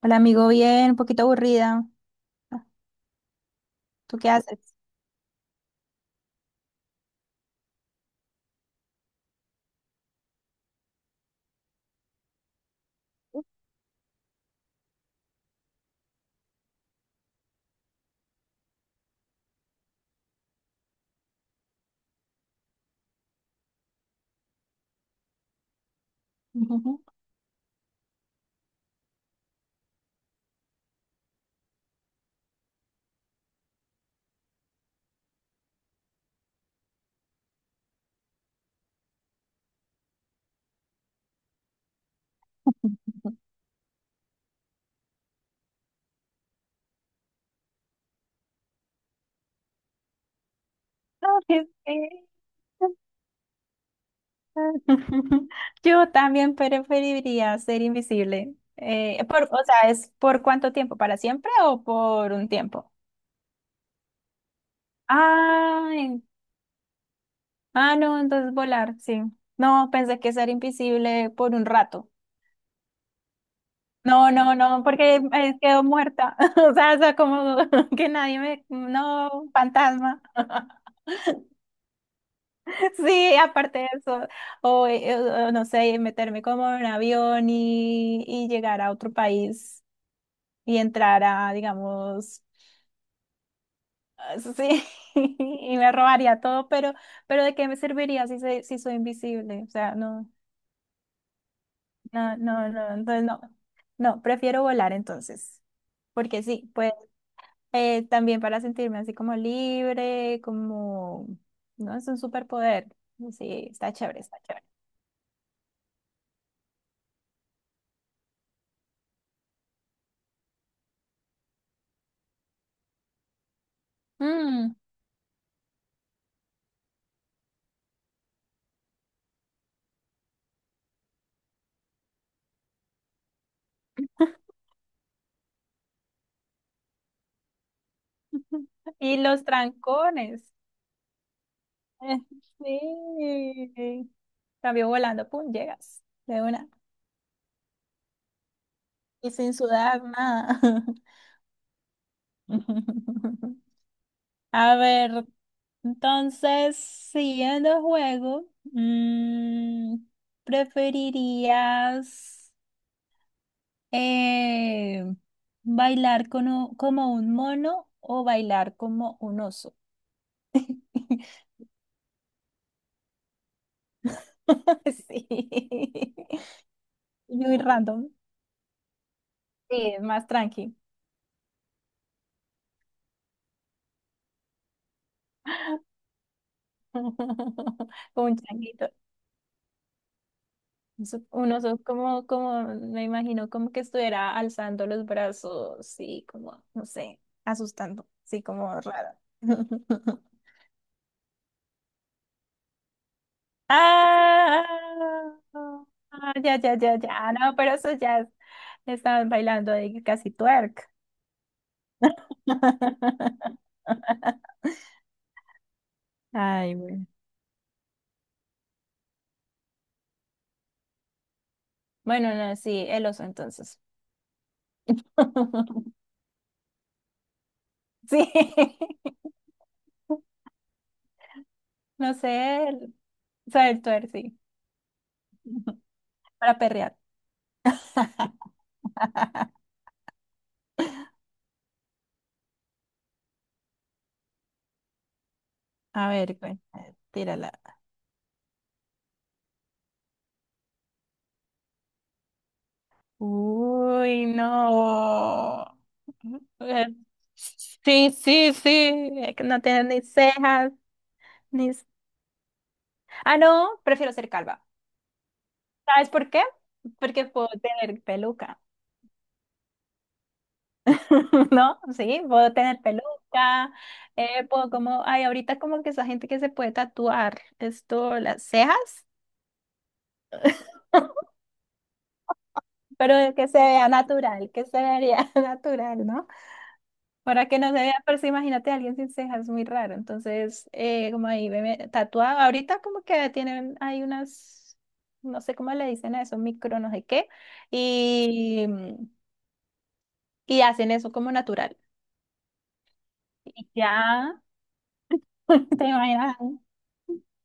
Hola amigo, bien, un poquito aburrida. ¿Tú qué haces? Ujú. No, es que- Yo también preferiría ser invisible. Por, o sea, ¿es por cuánto tiempo? ¿Para siempre o por un tiempo? Ay, ah, no, entonces volar, sí. No, pensé que ser invisible por un rato. No, no, no, porque quedo muerta. O sea, como que nadie me... No, fantasma. Sí, aparte de eso, o no sé, meterme como en un avión y llegar a otro país y entrar a, digamos, ah, sí, y me robaría todo, pero ¿de qué me serviría si, se si soy invisible? O sea, no, no, no, no, entonces no, no, prefiero volar entonces, porque sí, pues también para sentirme así como libre, como, no, es un superpoder, sí, está chévere, está chévere. Y los trancones. Eh, Sí. Cambio volando, pum, llegas de una. Y sin sudar nada. A ver, entonces, siguiendo el juego, ¿preferirías eh, bailar con u- como un mono o bailar como un oso? Sí. Muy random. Sí, es más tranqui. Como un changuito. Eso- Un oso como, como, me imagino como que estuviera alzando los brazos, sí, como, no sé, asustando, sí, como raro. Ah, ah, ya, ya, ya, ya, no, pero eso ya es- estaban bailando ahí casi twerk. Ay, bueno. Bueno, no, sí, el oso entonces. Sí, no sé, el- o sea, el twerk, sí, para perrear. A ver, cuen- tírala. Uy, no. Eh, Sí, sí, sí. Es que no tienes ni cejas, ni... s- Ah, no, prefiero ser calva. ¿Sabes por qué? Porque puedo tener peluca, ¿no? Sí, puedo tener peluca. Puedo como, ay, ahorita como que esa gente que se puede tatuar esto, las cejas, pero que se vea natural, que se vea natural, ¿no? Para que no se vea, pero sí, imagínate a alguien sin cejas, muy raro. Entonces, como ahí me tatuado, ahorita como que tienen, hay unas, no sé cómo le dicen a eso, micro no sé qué, y, y hacen eso como natural. Ya, ¿te imaginas?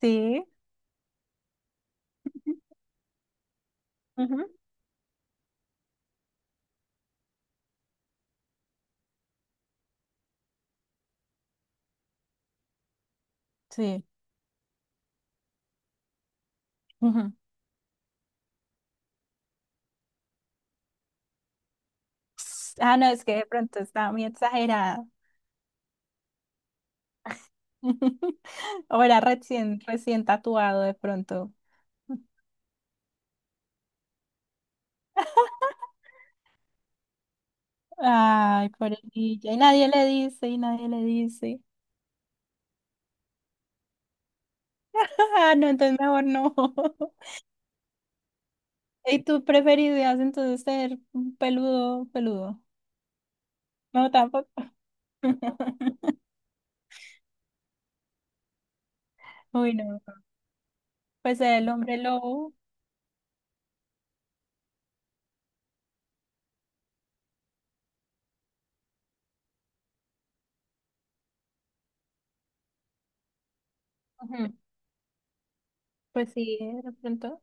Sí. Ujú, sí. Ujú. Ah, no, es que de pronto estaba muy exagerada. O era recién, recién tatuado de pronto. Ay, pobrecilla. Y nadie le dice, y nadie le dice. Ah, no, entonces mejor no. ¿Y tú preferirías entonces ser peludo, peludo? No, tampoco. Uy, no. Pues el hombre lobo. Ujú. Pues sí, de pronto.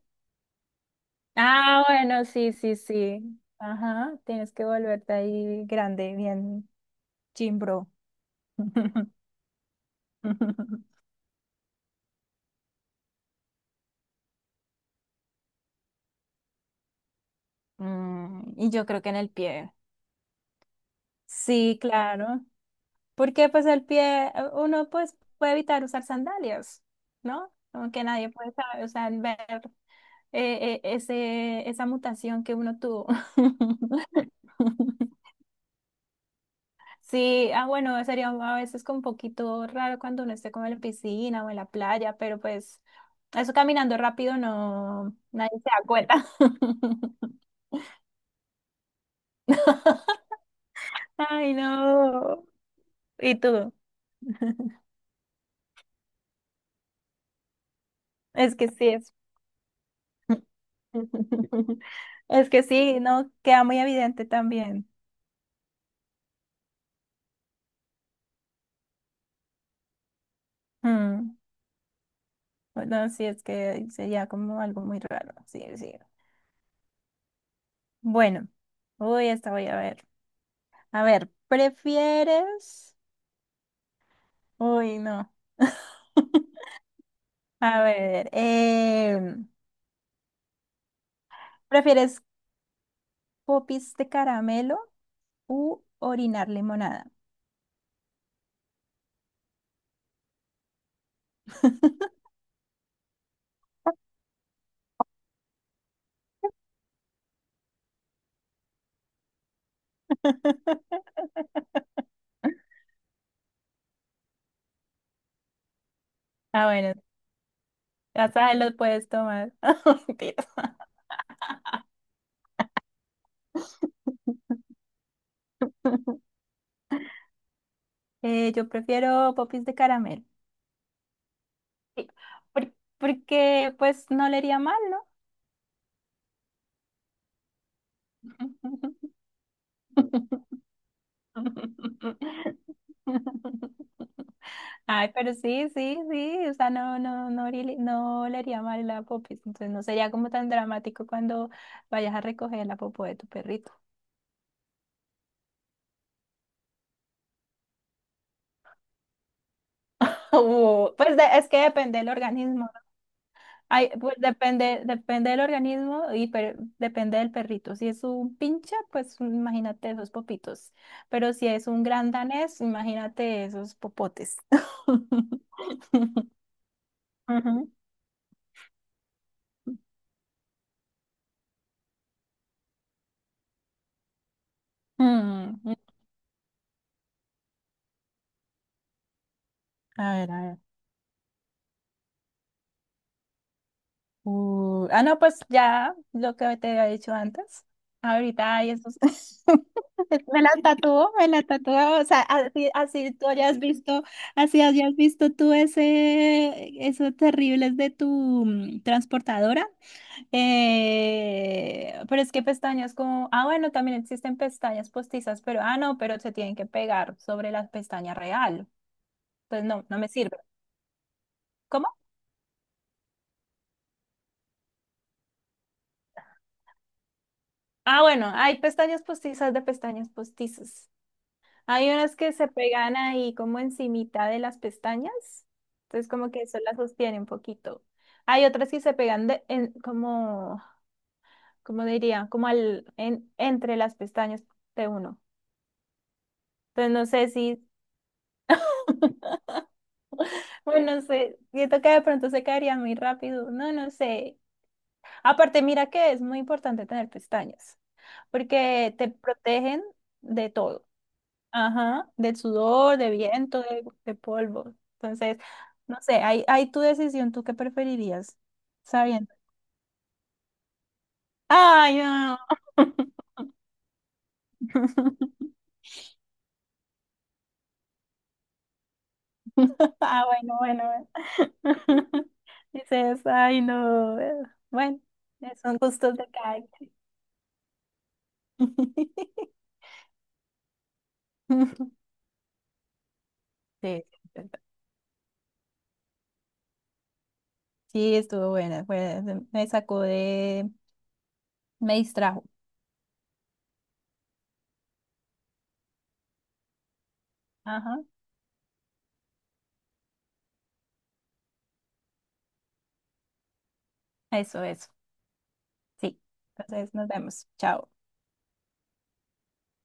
Ah, bueno, sí, sí, sí. Ajá, tienes que volverte ahí grande, bien chimbro. Y yo creo que en el pie. Sí, claro. Porque pues el pie, uno pues puede evitar usar sandalias, ¿no? Como que nadie puede saber, o sea, ver ese, esa mutación que uno tuvo. Sí, ah, bueno, sería a veces como un poquito raro cuando uno esté como en la piscina o en la playa, pero pues eso caminando rápido no, nadie se da cuenta. Ay, no. ¿Y tú? Es que sí, es es que sí, no queda muy evidente también. Mm, Bueno, sí, es que sería como algo muy raro. Sí, sí. Bueno, uy, esta voy a ver. A ver, ¿prefieres? Uy, no. A ver, ¿prefieres popis de caramelo u orinar limonada? Ah, bueno, ya sabes, los puedes tomar. Mentira. Yo prefiero popis de caramelo. Sí, por- porque pues no le haría mal, ¿no? Ay, pero sí, sí, sí, o sea, no, no, no, haría- no le haría mal la popis, entonces no sería como tan dramático cuando vayas a recoger la popó de tu perrito. O, pues de- es que depende del organismo. Ay, pues depende, depende del organismo y per- depende del perrito. Si es un pincha, pues imagínate esos popitos. Pero si es un gran danés, imagínate esos popotes. Ujú. Mm, a ver, a ver. Ah, no, pues ya lo que te había dicho antes. Ahorita hay esos. Me la tatuó, me la tatuó. O sea, así, así tú hayas visto, así hayas visto tú ese, esos terribles de tu transportadora. Pero es que pestañas como. Ah, bueno, también existen pestañas postizas, pero ah, no, pero se tienen que pegar sobre la pestaña real. Pues no, no me sirve. ¿Cómo? Ah, bueno, hay pestañas postizas de pestañas postizas. Hay unas que se pegan ahí como encimita de las pestañas, entonces como que eso las sostiene un poquito. Hay otras que se pegan de, en, como, como diría, como al, en, entre las pestañas de uno. Entonces no sé si, bueno, no sé, siento que de pronto se caería muy rápido, no, no sé. Aparte, mira que es muy importante tener pestañas, porque te protegen de todo. Ajá, del sudor, de viento, de polvo. Entonces, no sé, hay tu decisión, ¿tú qué preferirías? Sabiendo. Ay, no. Ah, bueno, bueno. Bueno. Dices, ay, no. Bueno, son gustos de cada quien. Sí, sí, es verdad. Sí, estuvo buena. Fue- me sacó de, me distrajo. Ajá, eso, eso. Sí. Entonces, nos vemos. Chao.